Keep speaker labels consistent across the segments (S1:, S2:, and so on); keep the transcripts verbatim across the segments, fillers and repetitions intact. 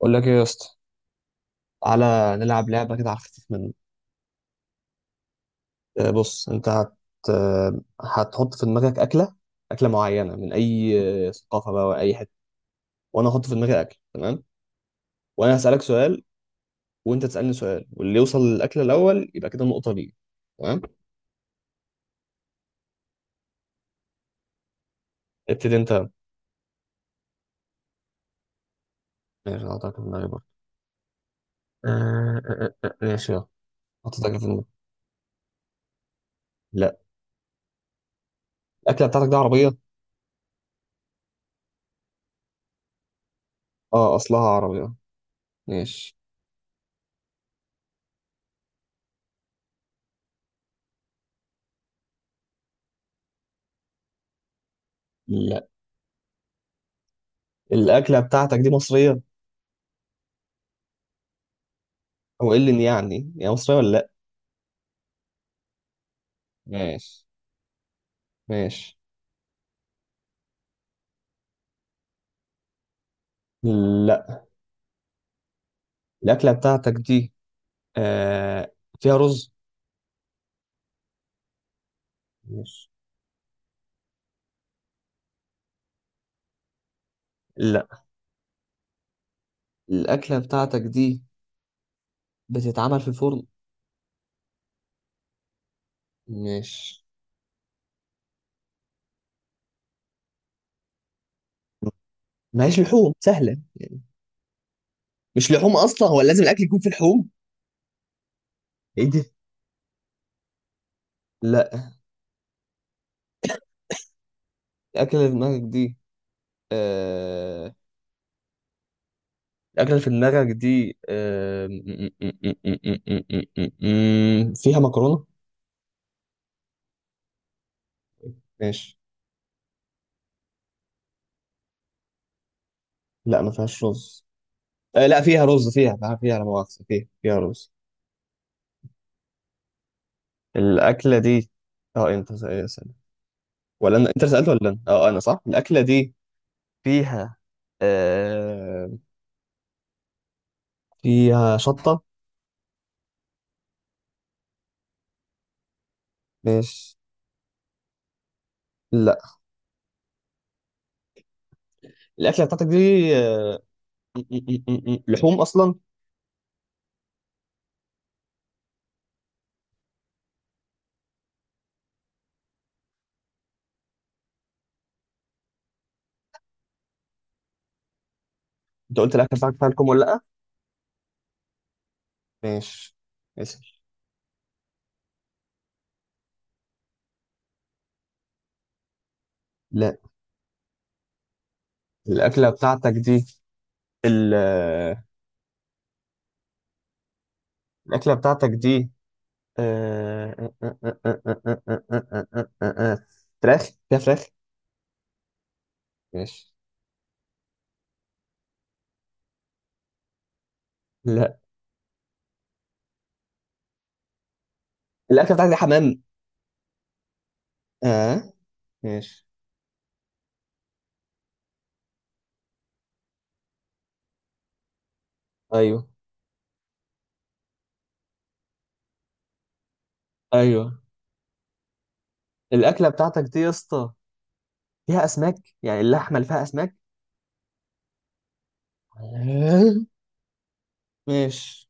S1: اقول لك ايه يا اسطى؟ تعالى نلعب لعبه كده على الخفيف منه. آه، بص انت هت آه، هتحط في دماغك اكله. اكله معينه من اي آه، ثقافه بقى، واي حته. وانا احط في دماغي اكل. تمام؟ وانا هسالك سؤال، وانت تسالني سؤال، واللي يوصل للاكل الاول يبقى كده النقطه ليه. تمام. ابتدي انت. ماشي، انا هحطك في دماغي برضه. آه، آه، آه، آه، ماشي يلا. حطيت اكل في دماغي. لا. الاكله بتاعتك دي عربيه؟ اه، اصلها عربيه. ماشي. لا. الاكله بتاعتك دي مصريه؟ هو ايه اللي يعني هي مصريه ولا لا؟ ماشي. ماشي. لا. الأكلة بتاعتك دي آه فيها رز؟ ماشي. لا. الأكلة بتاعتك دي بتتعمل في الفرن؟ ماشي. ماهيش لحوم سهلة يعني. مش لحوم أصلا؟ هو لازم الأكل يكون في لحوم؟ إيه ده؟ لا. الأكلة اللي في دماغك دي آه الأكلة اللي في دماغك دي آه... م- م- م- م- م- م- م- م- م- فيها مكرونة؟ ماشي. لا، ما فيهاش رز. آه لا، فيها رز، فيها فيها فيها، لا مؤاخذة، فيها فيها رز. الأكلة دي، اه انت سأل- سأل. ولا انا؟ انت اللي سألت ولا انا؟ اه انا صح. الأكلة دي فيها آه... فيها شطة؟ مش لا. الأكلة بتاعتك دي آه... م- م- م- م- لحوم أصلا؟ انت قلت الأكلة بتاعتك فيها لحوم ولا لا؟ ماشي، اسأل. لا. الأكلة بتاعتك دي ال... آه، الأكلة بتاعتك دي آه، آه، آه، آه، آه، آه، آه، آه، آه، آه، آه. فراخ؟ فيها فراخ؟ ماشي. لا. الأكلة بتاعتك دي حمام؟ اه. ماشي. ايوه، ايوه. الاكله بتاعتك دي يا اسطى فيها اسماك؟ يعني اللحمه اللي فيها اسماك؟ آه، ماشي.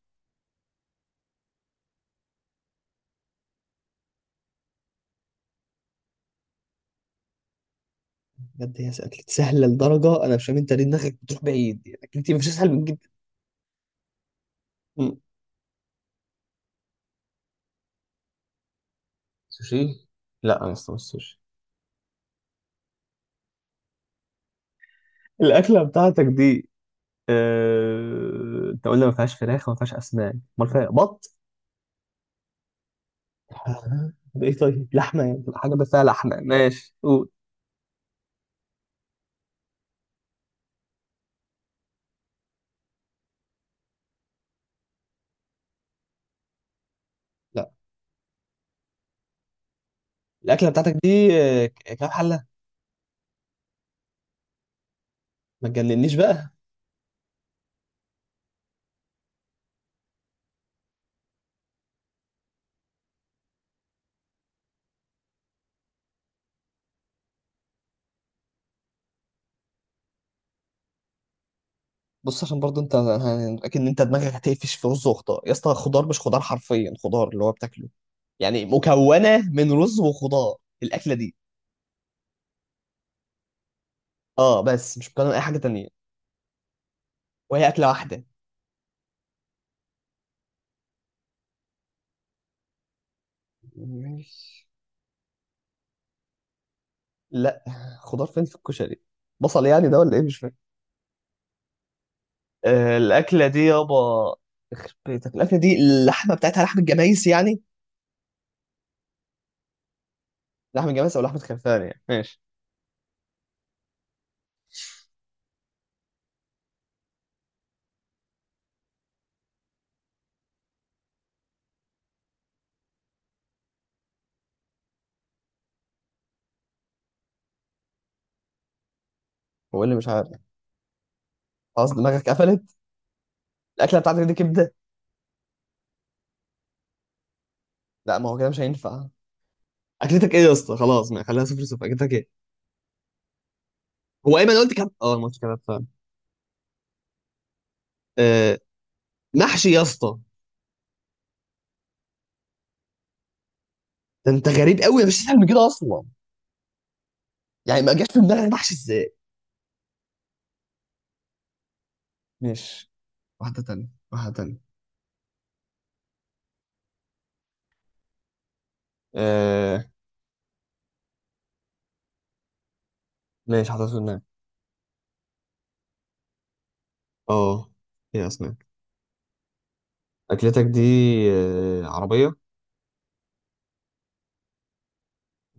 S1: بجد هي اكلتي سهله لدرجه انا مش فاهم انت ليه دماغك بتروح بعيد. يعني اكلتي مش اسهل من جدا. مم. سوشي؟ لا، انا اسطى مش سوشي. الاكله بتاعتك دي، آه، انت قلنا ما فيهاش فراخ وما فيهاش اسماك، امال فيها بط؟ آه، ده ايه طيب؟ لحمه يعني، تبقى حاجه بس فيها لحمه، ماشي قول. لا. الاكله بتاعتك دي آه، ك- كام حله؟ ما تجننيش بقى. بص، عشان برضه انت ه- اكيد ان انت دماغك هتقفش في رز وخضار يا اسطى. خضار مش خضار حرفيا، خضار اللي هو بتاكله. يعني مكونه من رز وخضار الاكله دي. اه بس مش مكونه من اي حاجه تانية، وهي اكله واحده. ماشي. لا. خضار فين في الكشري؟ بصل يعني ده ولا ايه؟ مش فاهم. آه الاكله دي يابا، يخرب بيتك الاكله دي! اللحمه بتاعتها لحمه جمايس يعني. لحمه جمايس او لحمه خرفان يعني. ماشي. هو إيه اللي مش عارف؟ خلاص دماغك قفلت. الاكله بتاعتك دي كبده؟ لا، ما هو كده مش هينفع. اكلتك ايه يا اسطى؟ خلاص ما خليها صفر صفر. اكلتك ايه؟ هو ايمن قلت كام، اه، الماتش كده فاهم؟ آه، محشي يا اسطى. ده انت غريب قوي، مش تسال من كده اصلا. يعني ما جاش في دماغك محشي ازاي؟ ماشي. واحده تانية، واحده تانية. آه، ماشي، حاطط في دماغي. اه. ايه يا اسماك؟ اكلتك دي آه عربيه؟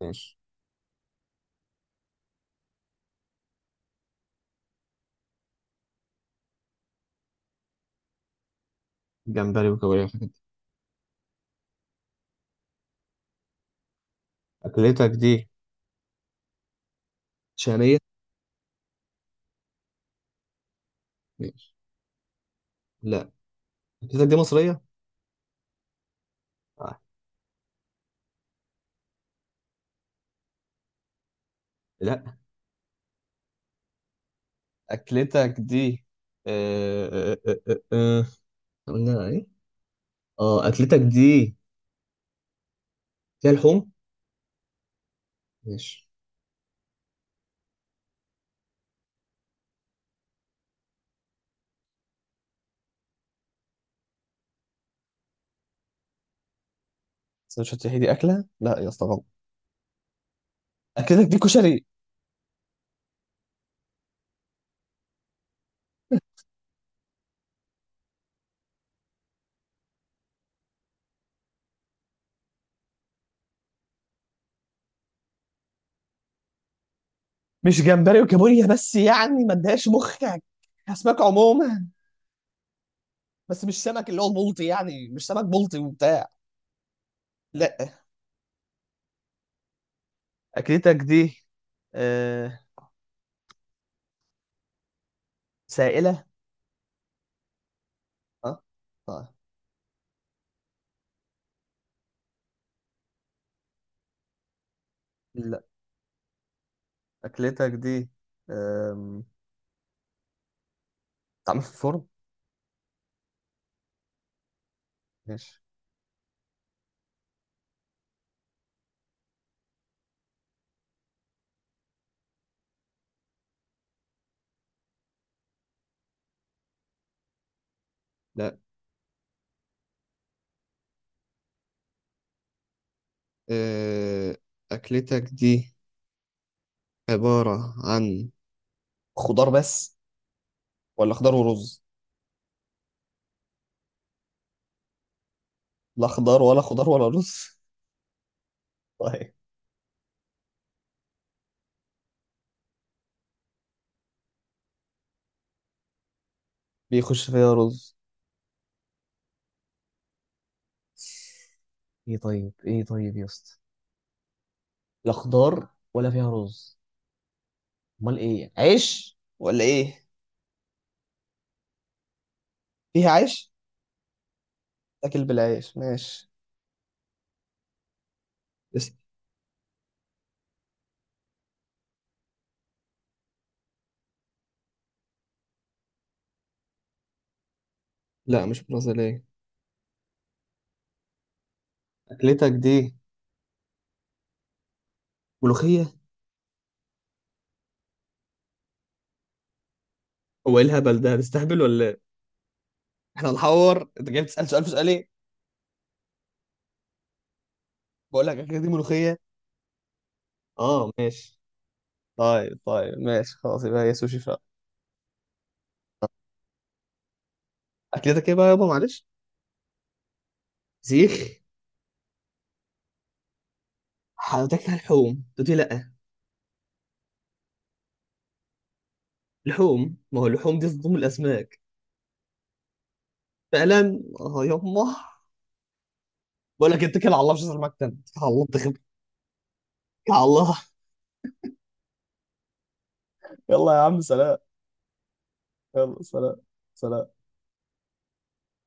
S1: ماشي. جمبري وكابوريا وحاجات دي. اكلتك دي شاميه؟ ماشي. لا. اكلتك دي مصريه؟ آه. لا. اكلتك دي آه آه آه آه. آه. قلنا ايه؟ اه، اكلتك دي فيها لحوم؟ ماشي. سندوتشات؟ هي دي اكله؟ لا يا اسطى غلط. اكلتك دي كشري؟ مش جمبري وكابوريا بس، يعني ما اديهاش مخك. اسماك عموما، بس مش سمك اللي هو البلطي. يعني مش سمك بلطي وبتاع. لا. اكلتك دي آه سائله؟ اه طيب. لا. اكلتك دي آم، بتتعمل في الفرن؟ ماشي. لا. أه... أكلتك دي عبارة عن خضار بس، ولا خضار ورز؟ لا خضار، ولا خضار ولا رز. طيب، بيخش فيها رز؟ ايه طيب، ايه طيب يا اسطى؟ لا خضار ولا فيها رز، امال ايه؟ عيش ولا ايه؟ فيها عيش؟ تاكل بالعيش. ماشي. است... لا، مش برازيلية. أكلتك دي ملوخية. هو إيه الهبل ده؟ هتستهبل ولا إيه؟ احنا هنحور؟ انت جاي بتسال سؤال في سؤال ايه؟ بقول لك اكلتي ملوخيه. آه، ماشي. طيب طيب، ماشي خلاص، يبقى هي سوشي فعلا. اكلتك ايه بقى يابا، معلش؟ سيخ. حضرتك فيها لحوم تقولي لأ؟ لحوم، ما هو اللحوم دي تضم الاسماك. فعلا، اه يما. بقول لك اتكل على الله، مش هسمعك تاني. اتكل على الله. اتكل على الله. يلا يا عم، سلام. يلا سلام. سلام.